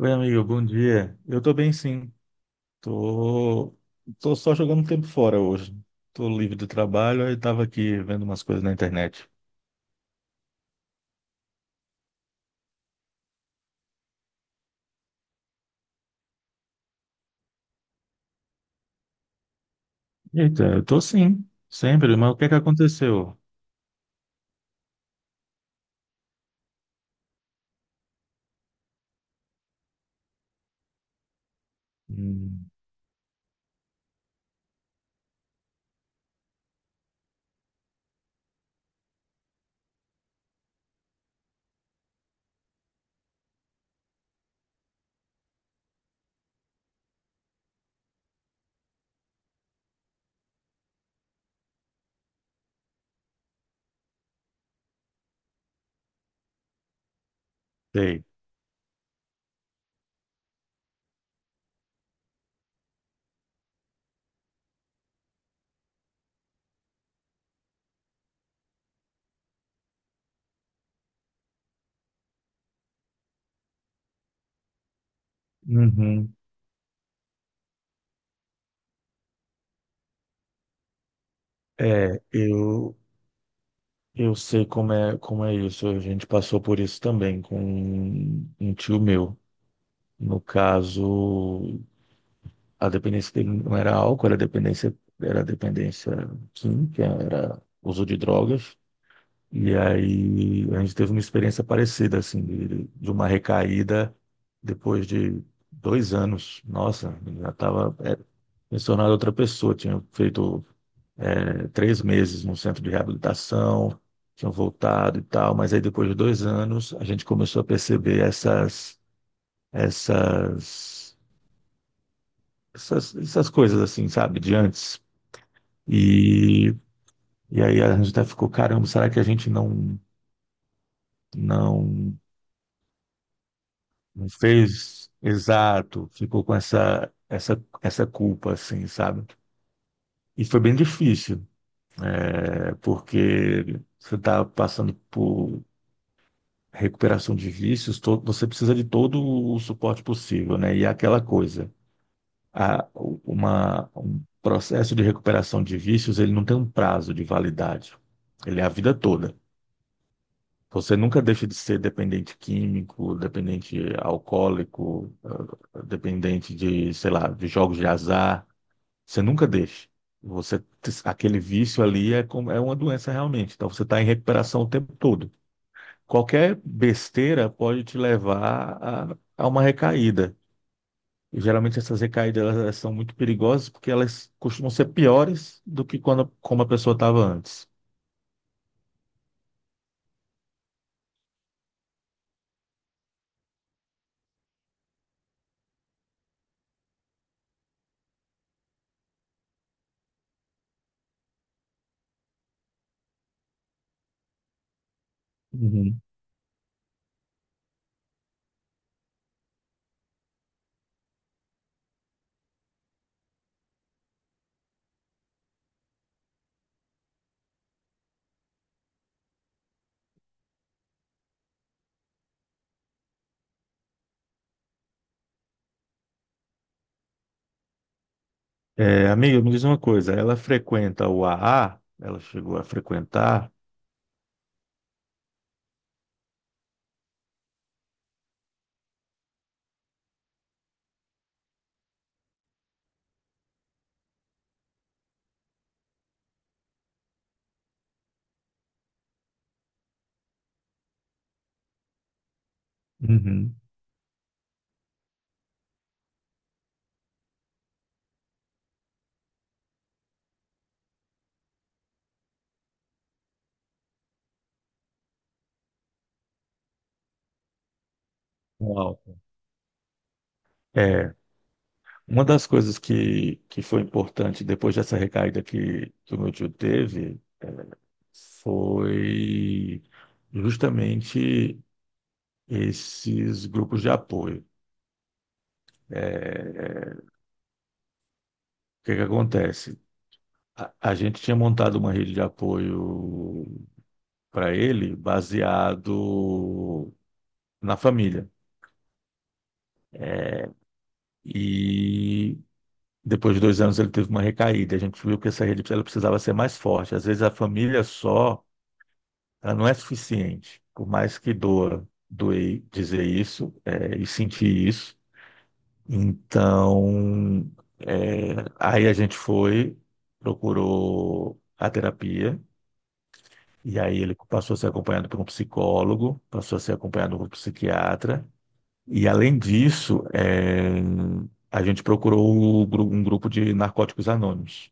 Oi, amigo, bom dia. Eu tô bem, sim. Tô, tô só jogando tempo fora hoje. Tô livre do trabalho, aí tava aqui vendo umas coisas na internet. Eita, eu tô sim, sempre, mas o que é que aconteceu? Hum, sei. Uhum. É, eu, eu sei como é isso. A gente passou por isso também com um tio meu. No caso, a dependência dele não era álcool, era dependência química, era uso de drogas. E aí a gente teve uma experiência parecida, assim, de uma recaída depois de dois anos. Nossa, já estava me tornado outra pessoa. Tinha feito três meses no centro de reabilitação, tinha voltado e tal, mas aí depois de dois anos a gente começou a perceber essas, essas coisas, assim, sabe, de antes. E, e aí a gente até ficou, caramba, será que a gente não. Não. Não fez exato, ficou com essa culpa, assim, sabe? E foi bem difícil, é, porque você está passando por recuperação de vícios, você precisa de todo o suporte possível, né? E é aquela coisa, a, um processo de recuperação de vícios, ele não tem um prazo de validade, ele é a vida toda. Você nunca deixa de ser dependente químico, dependente alcoólico, dependente de, sei lá, de jogos de azar. Você nunca deixa. Você, aquele vício ali é, é uma doença realmente. Então você está em recuperação o tempo todo. Qualquer besteira pode te levar a uma recaída. E geralmente essas recaídas elas são muito perigosas porque elas costumam ser piores do que quando como a pessoa estava antes. Uhum. É, amiga, me diz uma coisa. Ela frequenta o AA? Ela chegou a frequentar? Uhum. Uau. É, uma das coisas que foi importante depois dessa recaída que o meu tio teve foi justamente esses grupos de apoio. É, é, o que que acontece? A gente tinha montado uma rede de apoio para ele baseado na família. E depois de dois anos ele teve uma recaída. A gente viu que essa rede ela precisava ser mais forte. Às vezes a família só ela não é suficiente. Por mais que doa, doer dizer isso é, e sentir isso. Então, é, aí a gente foi, procurou a terapia, e aí ele passou a ser acompanhado por um psicólogo, passou a ser acompanhado por um psiquiatra. E além disso, é, a gente procurou o um grupo de narcóticos anônimos,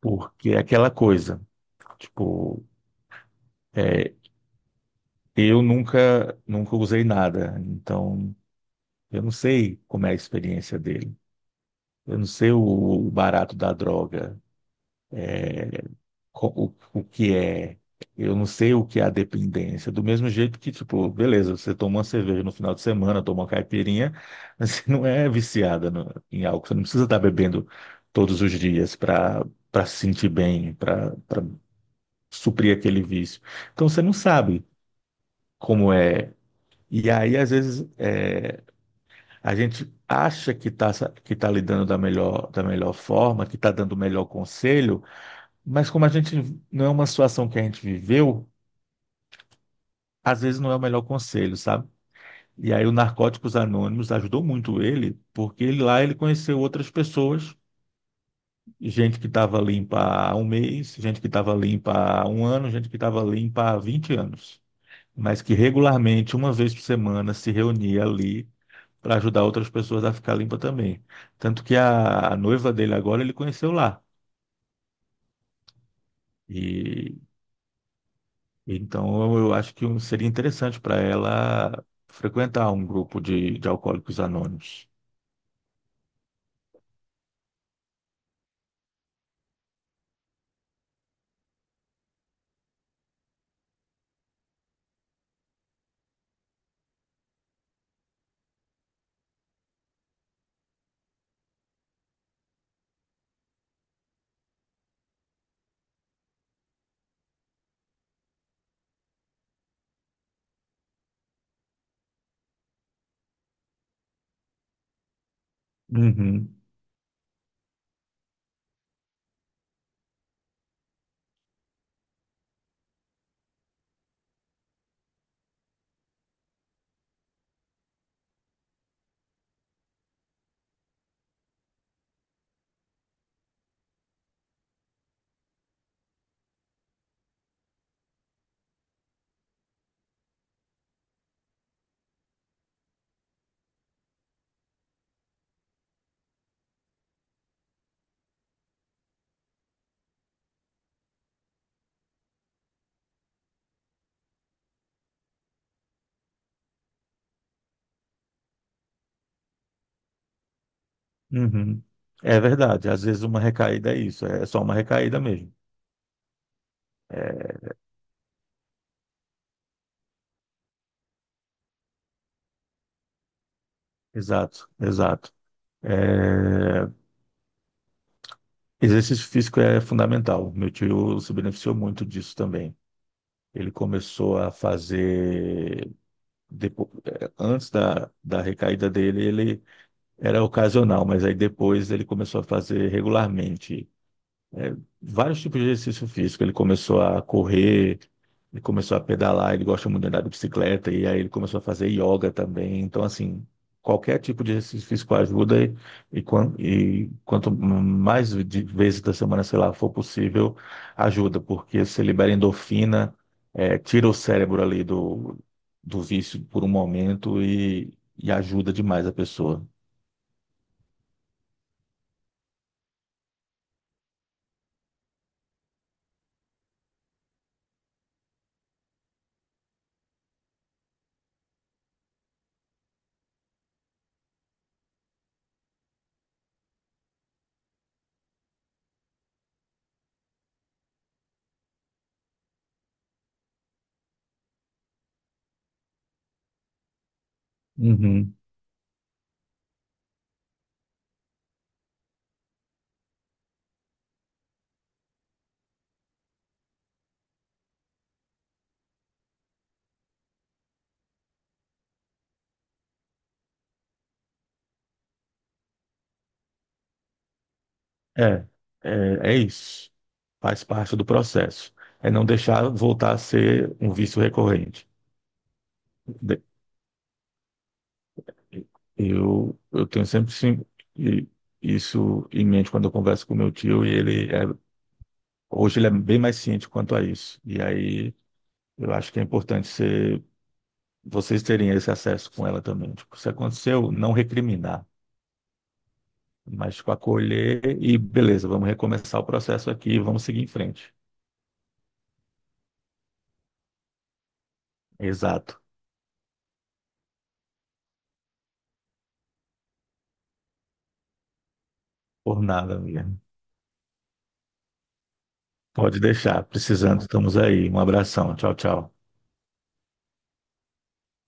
porque é aquela coisa, tipo, é, eu nunca usei nada, então eu não sei como é a experiência dele. Eu não sei o barato da droga, co- o que é. Eu não sei o que é a dependência. Do mesmo jeito que, tipo, beleza, você toma uma cerveja no final de semana, toma uma caipirinha, mas você não é viciada em álcool. Você não precisa estar bebendo todos os dias para se sentir bem, para suprir aquele vício. Então você não sabe como é. E aí, às vezes. A gente acha que está que tá lidando da melhor forma, que está dando o melhor conselho, mas como a gente não é uma situação que a gente viveu, às vezes não é o melhor conselho, sabe? E aí o Narcóticos Anônimos ajudou muito ele, porque lá ele conheceu outras pessoas, gente que estava limpa há um mês, gente que estava limpa há um ano, gente que estava limpa há 20 anos. Mas que regularmente, uma vez por semana, se reunia ali para ajudar outras pessoas a ficar limpa também. Tanto que a noiva dele agora ele conheceu lá. E então eu acho que seria interessante para ela frequentar um grupo de alcoólicos anônimos. Uhum, uhum. É verdade, às vezes uma recaída é isso, é só uma recaída mesmo. É, exato, exato. É, exercício físico é fundamental. Meu tio se beneficiou muito disso também. Ele começou a fazer. Antes da da, recaída dele, ele era ocasional, mas aí depois ele começou a fazer regularmente. eh, Vários tipos de exercício físico. Ele começou a correr, ele começou a pedalar, ele gosta muito de andar de bicicleta, e aí ele começou a fazer yoga também. Então, assim, qualquer tipo de exercício físico ajuda, e quanto mais de vezes da semana, sei lá, for possível, ajuda, porque você libera endorfina, tira o cérebro ali do, do vício por um momento e ajuda demais a pessoa. Uhum. É, é isso. Faz parte do processo. É não deixar voltar a ser um vício recorrente. Eu tenho sempre sim, e- isso em mente quando eu converso com meu tio, e hoje ele é bem mais ciente quanto a isso. E aí eu acho que é importante vocês terem esse acesso com ela também. Tipo, se aconteceu, não recriminar, mas tipo, acolher e beleza, vamos recomeçar o processo aqui, e vamos seguir em frente. Exato, por nada, amiga. Pode deixar, precisando, estamos aí. Um abração, tchau, tchau.